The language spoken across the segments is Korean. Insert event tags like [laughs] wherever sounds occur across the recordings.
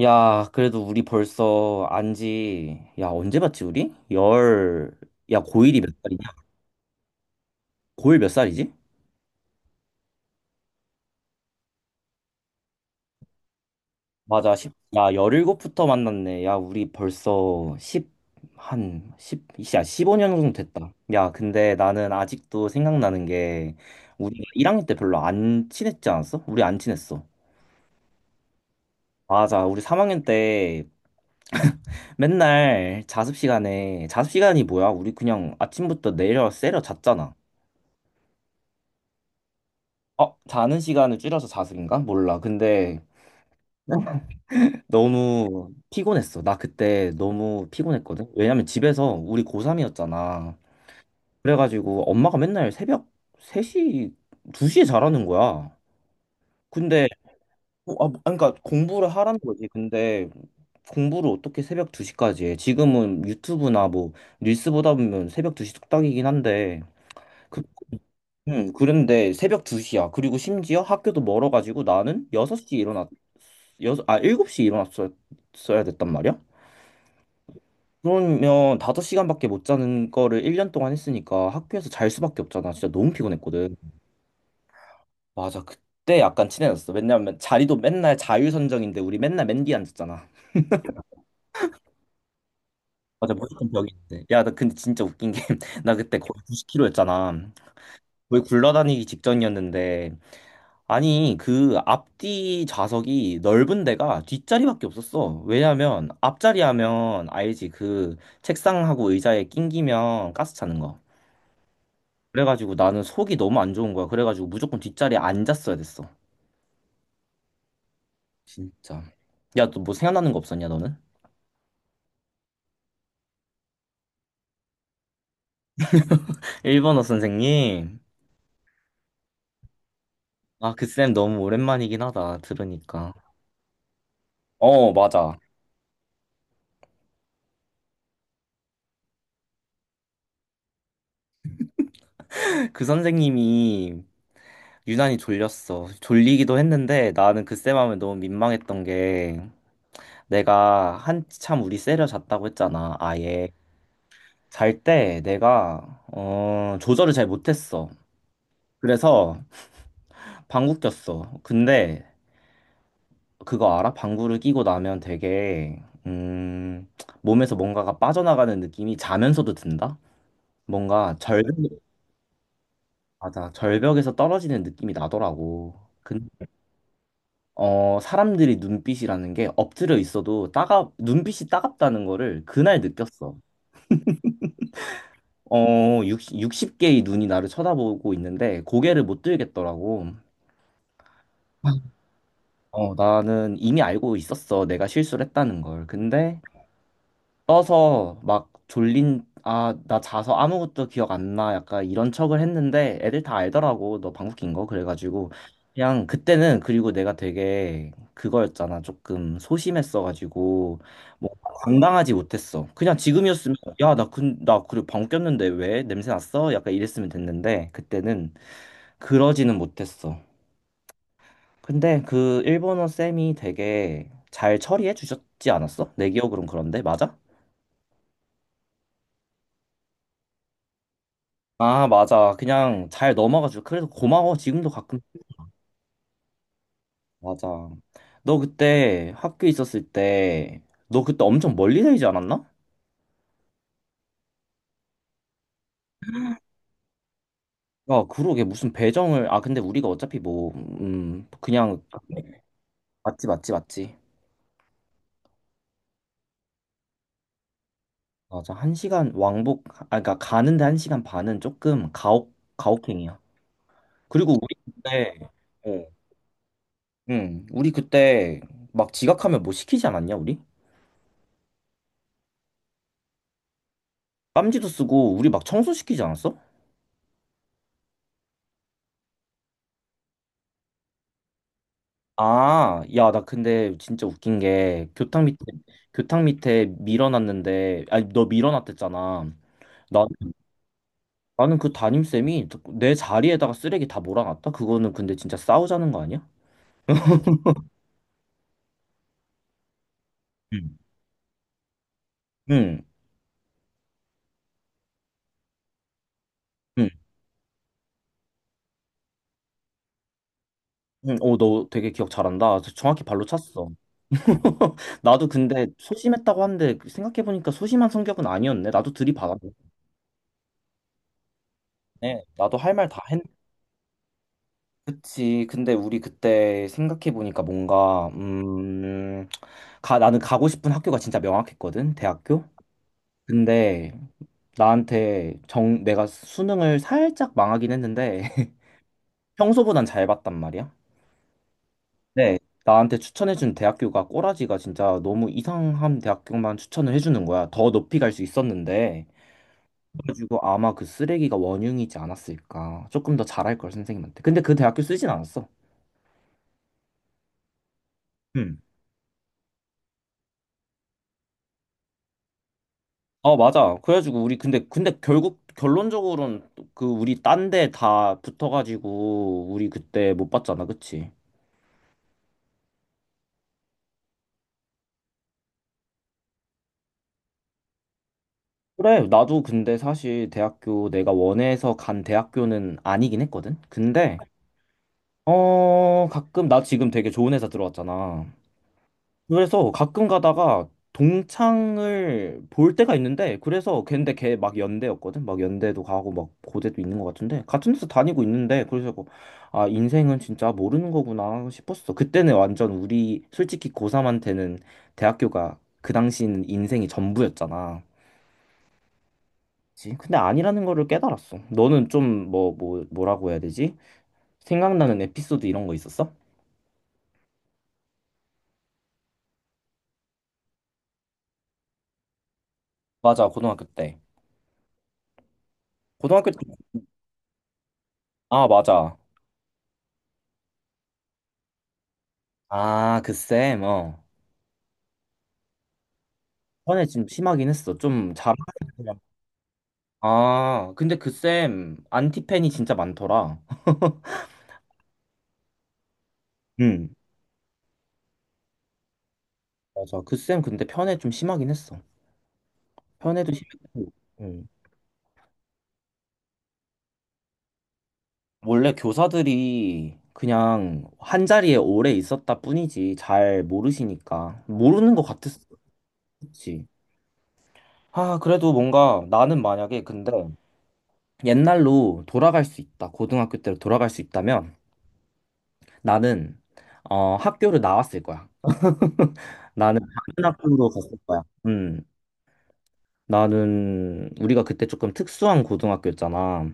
야, 그래도 우리 벌써 안지, 야, 언제 봤지, 우리? 야, 고1이 몇 살이냐? 고1 몇 살이지? 맞아, 10, 야, 일곱부터 만났네. 야, 우리 벌써 10, 한, 10, 야, 15년 정도 됐다. 야, 근데 나는 아직도 생각나는 게, 우리가 1학년 때 별로 안 친했지 않았어? 우리 안 친했어. 맞아, 우리 3학년 때 맨날 자습 시간에, 자습 시간이 뭐야? 우리 그냥 아침부터 세려 잤잖아. 어, 자는 시간을 줄여서 자습인가? 몰라. 근데 [laughs] 너무 피곤했어. 나 그때 너무 피곤했거든. 왜냐면 집에서 우리 고3이었잖아. 그래가지고 엄마가 맨날 새벽 3시, 2시에 자라는 거야. 근데, 아, 그러니까 공부를 하라는 거지. 근데 공부를 어떻게 새벽 2시까지 해? 지금은 유튜브나 뭐 릴스 보다 보면 새벽 2시 뚝딱이긴 한데 응, 그런데 새벽 2시야. 그리고 심지어 학교도 멀어가지고 나는 6시에 일어났, 7시에 일어났어야 됐단 말이야? 그러면 5시간밖에 못 자는 거를 1년 동안 했으니까 학교에서 잘 수밖에 없잖아. 진짜 너무 피곤했거든. 맞아, 그때 약간 친해졌어. 왜냐면 자리도 맨날 자유선정인데 우리 맨날 맨 뒤에 앉았잖아. 맞아, 무조건 벽이 있는데. 야, 나 근데 진짜 웃긴 게, [laughs] 나 그때 거의 90kg였잖아. 거의 굴러다니기 직전이었는데, 아니, 그 앞뒤 좌석이 넓은 데가 뒷자리밖에 없었어. 왜냐면 앞자리 하면 알지. 그 책상하고 의자에 낑기면 가스 차는 거. 그래가지고 나는 속이 너무 안 좋은 거야. 그래가지고 무조건 뒷자리에 앉았어야 됐어. 진짜. 야, 너 뭐 생각나는 거 없었냐, 너는? 일본어 선생님. 아, 그 쌤 너무 오랜만이긴 하다. 들으니까. 어, 맞아. [laughs] 그 선생님이 유난히 졸렸어. 졸리기도 했는데 나는 그 쌤 하면 너무 민망했던 게 내가 한참 우리 세려 잤다고 했잖아, 아예. 잘 때 내가, 조절을 잘 못했어. 그래서 방구 꼈어. 근데 그거 알아? 방구를 끼고 나면 되게, 몸에서 뭔가가 빠져나가는 느낌이 자면서도 든다? 뭔가 절벽, 맞아. 절벽에서 떨어지는 느낌이 나더라고. 근 사람들이 눈빛이라는 게 엎드려 있어도 따가, 눈빛이 따갑다는 거를 그날 느꼈어. 60 개의 눈이 나를 쳐다보고 있는데 고개를 못 들겠더라고. 어, 나는 이미 알고 있었어. 내가 실수를 했다는 걸. 근데 떠서 막 졸린, 아, 나 자서 아무것도 기억 안 나. 약간 이런 척을 했는데 애들 다 알더라고. 너 방귀 낀 거. 그래가지고 그냥 그때는 그리고 내가 되게 그거였잖아. 조금 소심했어가지고 뭐 당당하지 못했어. 그냥 지금이었으면 야, 나, 나 그래 방귀 꼈는데 왜? 냄새 났어? 약간 이랬으면 됐는데 그때는 그러지는 못했어. 근데 그 일본어 쌤이 되게 잘 처리해 주셨지 않았어? 내 기억으론 그런데 맞아? 아 맞아. 그냥 잘 넘어가 지고 그래서 고마워. 지금도 가끔 맞아. 너 그때 학교 있었을 때 너 그때 엄청 멀리 살지 않았나? 야 그러게 무슨 배정을 아 근데 우리가 어차피 뭐 그냥 맞지 맞지 맞지. 맞아 1시간 왕복 아 그러니까 가는데 한 시간 반은 조금 가혹행위야. 그리고 우리 그때 어, 응, 우리 그때 막 지각하면 뭐 시키지 않았냐, 우리? 깜지도 쓰고 우리 막 청소시키지 않았어? 아, 야, 나 근데 진짜 웃긴 게 교탁 밑에 밀어놨는데 아니 너 밀어놨댔잖아. 나 나는 그 담임쌤이 내 자리에다가 쓰레기 다 몰아놨다. 그거는 근데 진짜 싸우자는 거 아니야? 응. 응. 응. 응. 어, 너 되게 기억 잘한다. 정확히 발로 찼어. [laughs] 나도 근데 소심했다고 하는데 생각해보니까 소심한 성격은 아니었네. 나도 들이받았네. 네, 나도 할 말 다 했. 그치. 근데 우리 그때 생각해 보니까 뭔가 가 나는 가고 싶은 학교가 진짜 명확했거든. 대학교. 근데 나한테 정 내가 수능을 살짝 망하긴 했는데 [laughs] 평소보단 잘 봤단 말이야. 네. 나한테 추천해준 대학교가 꼬라지가 진짜 너무 이상한 대학교만 추천을 해주는 거야. 더 높이 갈 수 있었는데. 그래가지고 아마 그 쓰레기가 원흉이지 않았을까. 조금 더 잘할 걸 선생님한테. 근데 그 대학교 쓰진 않았어. 어, 맞아. 그래가지고 우리 근데 결국 결론적으로는 그 우리 딴데 다 붙어가지고 우리 그때 못 봤잖아, 그치? 그래, 나도 근데 사실 대학교 내가 원해서 간 대학교는 아니긴 했거든. 근데 어 가끔 나 지금 되게 좋은 회사 들어왔잖아. 그래서 가끔 가다가 동창을 볼 때가 있는데 그래서 걔인데 걔 막 연대였거든 막 연대도 가고 막 고대도 있는 것 같은데 같은 데서 다니고 있는데 그래서 뭐, 아 인생은 진짜 모르는 거구나 싶었어 그때는 완전 우리 솔직히 고3한테는 대학교가 그 당시는 인생이 전부였잖아 그치? 근데 아니라는 거를 깨달았어 너는 좀 뭐라고 해야 되지 생각나는 에피소드 이런 거 있었어? 맞아 고등학교 때 아 맞아 아그쌤어 전에 좀 심하긴 했어. 좀 잘. 아, 근데 그 쌤, 안티팬이 진짜 많더라. 응, 맞아. 그 쌤 근데 편애 좀 심하긴 했어. 편애도 심했고. 응. 원래 교사들이 그냥 한 자리에 오래 있었다 뿐이지. 잘 모르시니까. 모르는 것 같았어. 그치? 아, 그래도 뭔가 나는 만약에 근데 옛날로 돌아갈 수 있다. 고등학교 때로 돌아갈 수 있다면 나는 어, 학교를 나왔을 거야. 나는 다른 학교로 갔을 거야. 음. 나는 우리가 그때 조금 특수한 고등학교였잖아.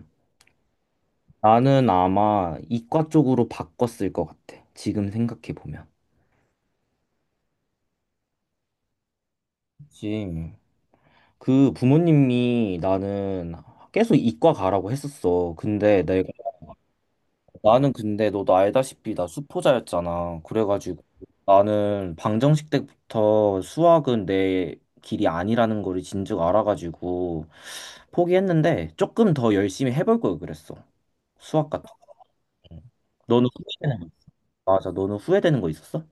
나는 아마 이과 쪽으로 바꿨을 것 같아. 지금 생각해 보면. 그치. 그 부모님이 나는 계속 이과 가라고 했었어. 근데 내가 나는 근데 너도 알다시피 나 수포자였잖아. 그래가지고 나는 방정식 때부터 수학은 내 길이 아니라는 걸 진즉 알아가지고 포기했는데 조금 더 열심히 해볼 걸 그랬어. 수학 같은 거. 너는 후회되는 거, 맞아. 너는 후회되는 거 있었어?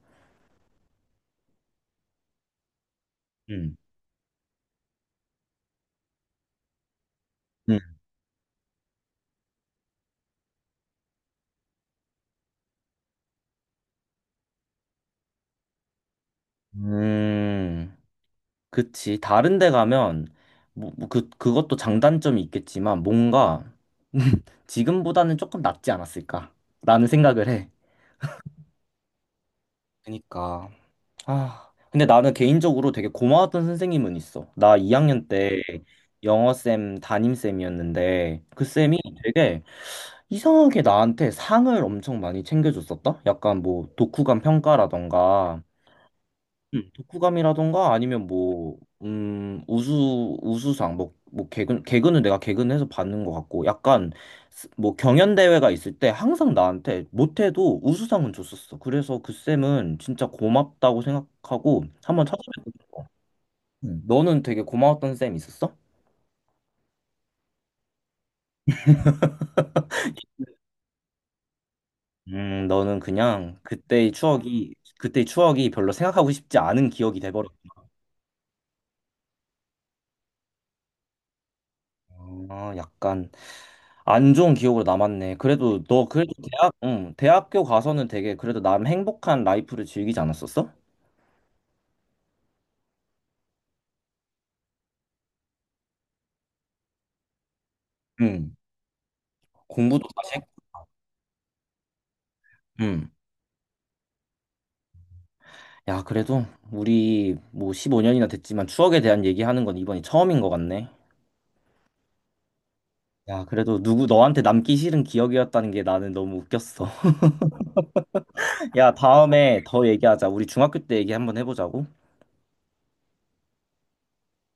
응. 응. 음, 그치. 다른 데 가면, 뭐 그것도 장단점이 있겠지만, 뭔가 [laughs] 지금보다는 조금 낫지 않았을까? 라는 생각을 해. 그니까. 아, 근데 나는 개인적으로 되게 고마웠던 선생님은 있어. 나 2학년 때 영어쌤 담임쌤이었는데 그 쌤이 되게 이상하게 나한테 상을 엄청 많이 챙겨줬었다? 약간 뭐 독후감 평가라던가 독후감이라던가 아니면 뭐, 우수상, 뭐, 개근은 내가 개근해서 받는 것 같고, 약간, 뭐, 경연대회가 있을 때 항상 나한테 못해도 우수상은 줬었어. 그래서 그 쌤은 진짜 고맙다고 생각하고, 한번 찾아뵙고 싶어. 너는 되게 고마웠던 쌤 있었어? 너는 그냥 그때의 추억이 별로 생각하고 싶지 않은 기억이 돼버렸어. 아, 약간. 안 좋은 기억으로 남았네. 그래도 너 그래도 대학교 가서는 되게 그래도 남 행복한 라이프를 즐기지 않았었어? 응. 공부도 다시 했 응. 야, 그래도 우리 뭐 15년이나 됐지만 추억에 대한 얘기하는 건 이번이 처음인 것 같네. 야, 그래도 누구 너한테 남기 싫은 기억이었다는 게 나는 너무 웃겼어. [laughs] 야, 다음에 더 얘기하자. 우리 중학교 때 얘기 한번 해보자고.